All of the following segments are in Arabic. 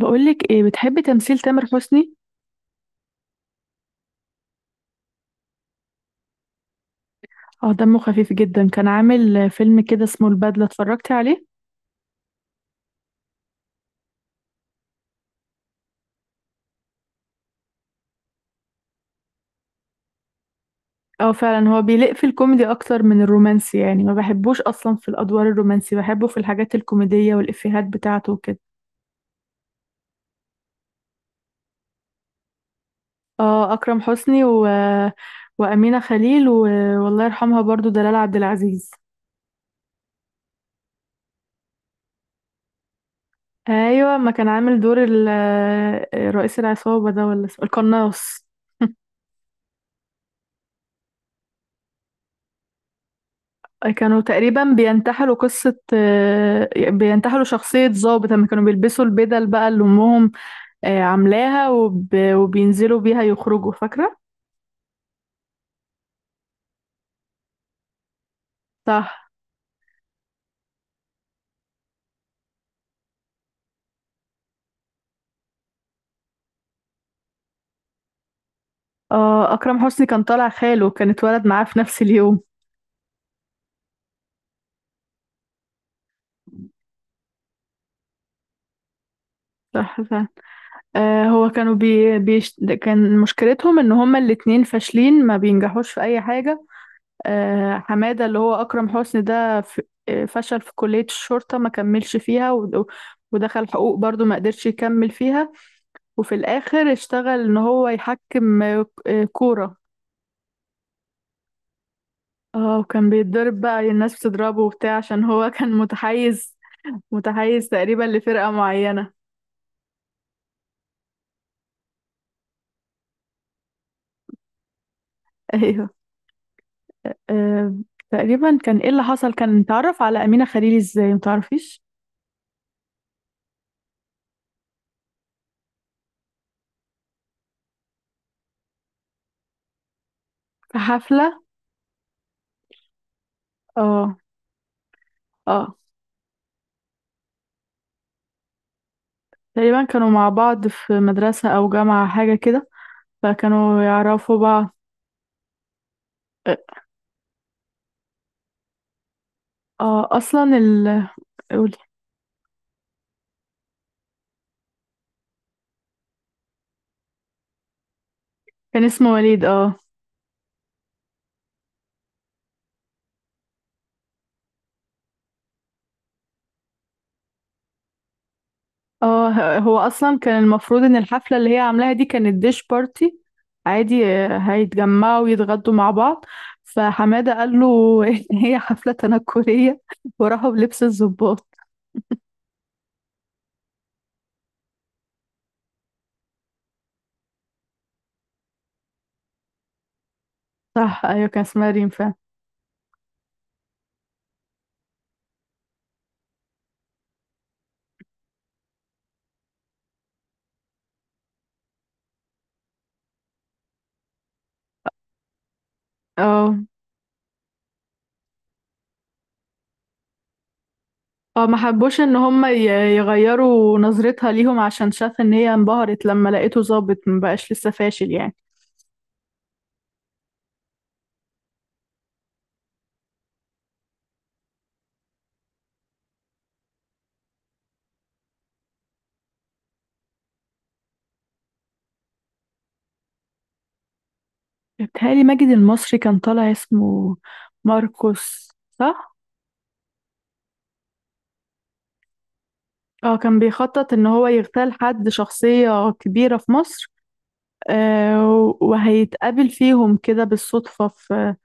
بقولك ايه، بتحبي تمثيل تامر حسني؟ اه دمه خفيف جدا، كان عامل فيلم كده اسمه البدلة، اتفرجتي عليه؟ اه فعلا، هو بيليق في الكوميدي اكتر من الرومانسي، يعني ما بحبوش اصلا في الادوار الرومانسي، بحبه في الحاجات الكوميدية والافيهات بتاعته وكده. اه اكرم حسني وامينة خليل والله يرحمها برضو دلال عبد العزيز. ايوه، ما كان عامل دور رئيس العصابة ده، ولا القناص؟ كانوا تقريبا بينتحلوا قصة آه، بينتحلوا شخصية ضابط لما كانوا بيلبسوا البدل بقى اللي أمهم عاملاها وبينزلوا بيها يخرجوا، فاكرة؟ صح. أكرم حسني كان طالع خاله، كان اتولد معاه في نفس اليوم. صح، صح. آه هو كانوا بي... بيش... كان مشكلتهم إن هما الاتنين فاشلين، ما بينجحوش في أي حاجة. حمادة اللي هو أكرم حسني ده ف... آه، فشل في كلية الشرطة، ما كملش فيها، ودخل حقوق برضو، ما قدرش يكمل فيها. وفي الآخر اشتغل إن هو يحكم كورة. اه، وكان بيتضرب بقى، الناس بتضربه وبتاع عشان هو كان متحيز تقريبا لفرقة معينة. ايوه. آه، تقريبا كان ايه اللي حصل، كان اتعرف على أمينة خليل ازاي، متعرفيش؟ في حفلة. اه اه تقريبا، كانوا مع بعض في مدرسة أو جامعة، حاجة كده، فكانوا يعرفوا بعض. اه. آه، أصلا ال قولي. كان اسمه وليد، اه. اه، هو اصلا كان المفروض ان الحفله اللي هي عاملاها دي كانت ديش بارتي عادي، هيتجمعوا ويتغدوا مع بعض. فحماده قال له ان هي حفله تنكريه، وراحوا بلبس الضباط. صح، ايوه كان اسمها ريم فعلا. اه اه، ما حبوش ان هم يغيروا نظرتها ليهم عشان شاف ان هي انبهرت لما لقيته ظابط، مبقاش لسه فاشل يعني. بيتهيألي ماجد المصري كان طالع اسمه ماركوس، صح. اه كان بيخطط ان هو يغتال حد، شخصية كبيرة في مصر. وهيتقابل فيهم كده بالصدفة في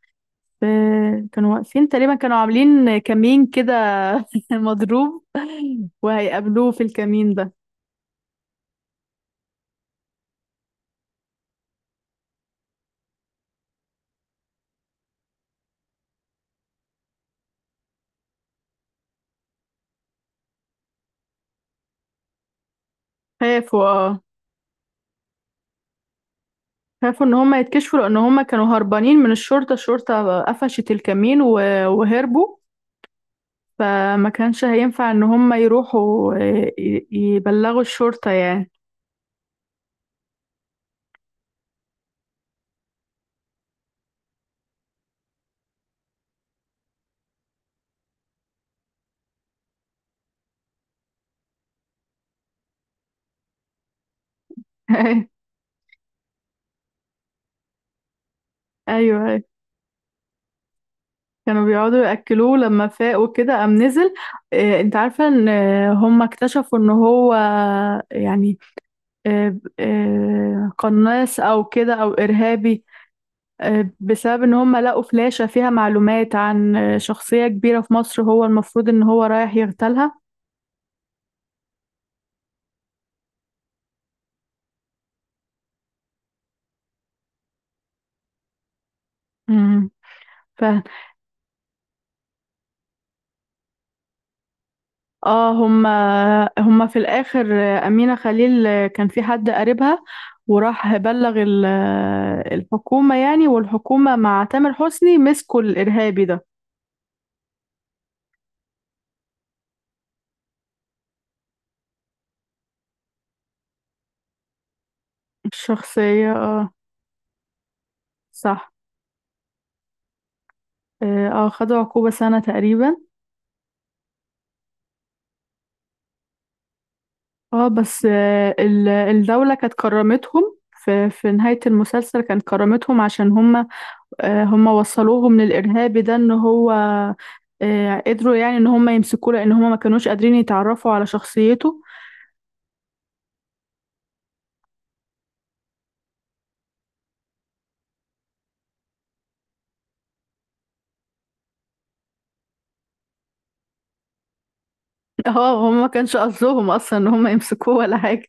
في- كانوا واقفين تقريبا، كانوا عاملين كمين كده مضروب، وهيقابلوه في الكمين ده. خافوا اه خافوا ان هم يتكشفوا لان هم كانوا هربانين من الشرطة. الشرطة قفشت الكمين وهربوا. فما كانش هينفع ان هم يروحوا، يبلغوا الشرطة يعني. ايوه، كانوا بيقعدوا يأكلوه لما فاق وكده، قام نزل. انت عارفة ان هم اكتشفوا ان هو يعني قناص او كده او ارهابي. بسبب ان هم لقوا فلاشة فيها معلومات عن شخصية كبيرة في مصر، هو المفروض ان هو رايح يغتالها. مم. اه هما في الاخر، امينه خليل كان في حد قريبها، وراح بلغ الحكومه يعني، والحكومه مع تامر حسني مسكوا الارهابي ده. الشخصيه، اه. صح. اه خدوا عقوبه سنه تقريبا. اه بس الدوله كانت كرمتهم في نهايه المسلسل، كانت كرمتهم عشان هما هما وصلوهم للارهابي ده، ان هو آه، قدروا يعني ان هم يمسكوه، لان هم ما كانوش قادرين يتعرفوا على شخصيته. اه هم ما كانش قصدهم اصلا ان هم يمسكوه ولا حاجه.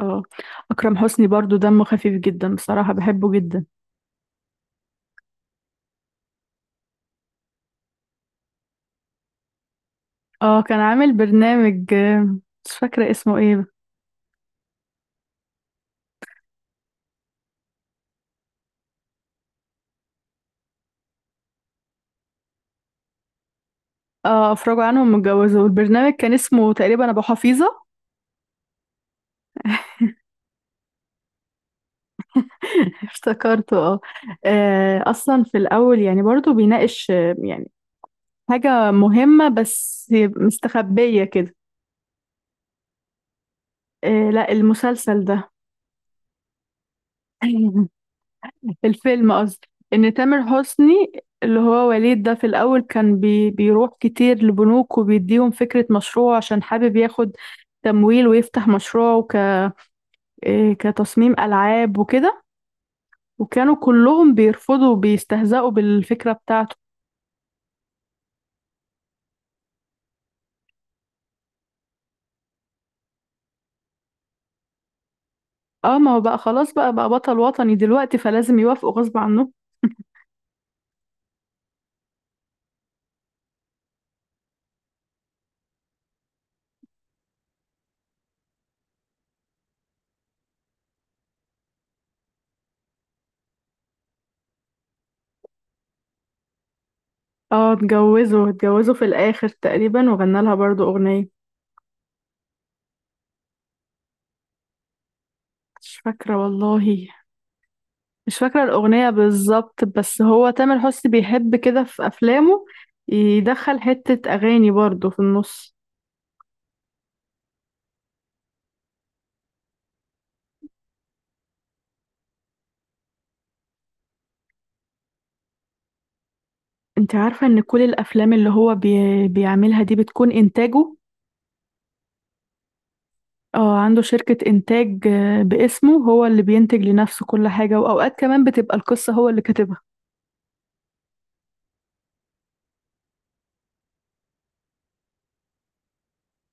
اه اكرم حسني برضو دمه خفيف جدا، بصراحه بحبه جدا. اه كان عامل برنامج، مش فاكره اسمه ايه. اه افرجوا عنهم متجوزوا. البرنامج كان اسمه تقريبا ابو حفيظه. افتكرته، اه. اصلا في الاول يعني برضو بيناقش يعني حاجه مهمه بس مستخبيه كده. آه لا، المسلسل ده الفيلم قصدي، ان تامر حسني اللي هو وليد ده، في الاول كان بيروح كتير لبنوك، وبيديهم فكرة مشروع عشان حابب ياخد تمويل ويفتح مشروعه، إيه، كتصميم العاب وكده. وكانوا كلهم بيرفضوا وبيستهزئوا بالفكرة بتاعته. اه ما هو بقى خلاص، بقى بطل وطني دلوقتي، فلازم يوافقوا غصب عنه. اه اتجوزوا اتجوزوا في الاخر تقريبا، وغنى لها برضو اغنية. مش فاكرة والله، مش فاكرة الأغنية بالظبط، بس هو تامر حسني بيحب كده في أفلامه، يدخل حتة أغاني برضه في النص. انت عارفة ان كل الأفلام اللي هو بيعملها دي بتكون إنتاجه. اه عنده شركة إنتاج باسمه، هو اللي بينتج لنفسه كل حاجة، وأوقات كمان بتبقى القصة هو اللي كاتبها.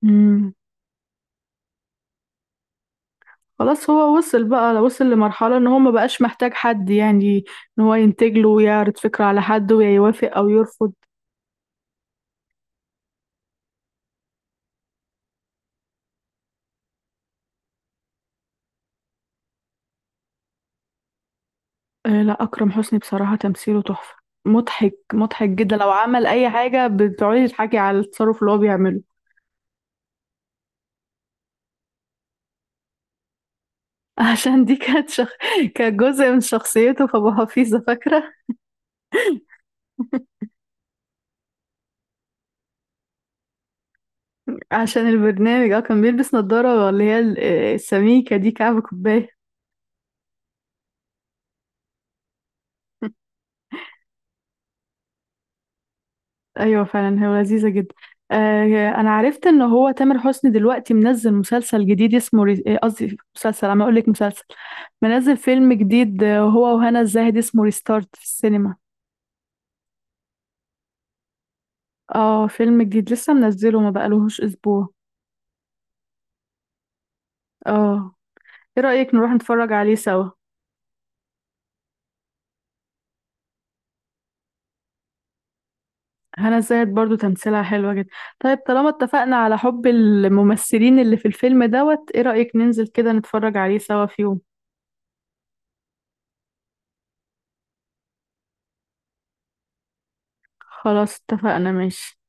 مم. خلاص، هو وصل لمرحلة ان هو ما بقاش محتاج حد يعني، ان هو ينتج له ويعرض فكرة على حد ويوافق أو يرفض. لا، أكرم حسني بصراحة تمثيله تحفة. مضحك مضحك جدا، لو عمل أي حاجة بتقعدي تضحكي على التصرف اللي هو بيعمله. عشان دي كانت جزء من شخصيته، فأبو حفيظة، فاكرة؟ عشان البرنامج، اه كان بيلبس نظارة اللي هي السميكة دي، كعب كوباية. أيوة فعلا، هو لذيذة جدا. أنا عرفت إن هو تامر حسني دلوقتي منزل مسلسل جديد اسمه قصدي مسلسل، أنا أقول لك مسلسل، منزل فيلم جديد، هو وهنا الزاهد، اسمه ريستارت، في السينما. اه فيلم جديد لسه منزله، ما بقالهوش اسبوع. اه، ايه رأيك نروح نتفرج عليه سوا؟ هنا الزاهد برضو تمثيلها حلوة جدا. طيب، طالما اتفقنا على حب الممثلين اللي في الفيلم دوت، ايه رأيك ننزل كده نتفرج عليه سوا في يوم؟ خلاص، اتفقنا، ماشي.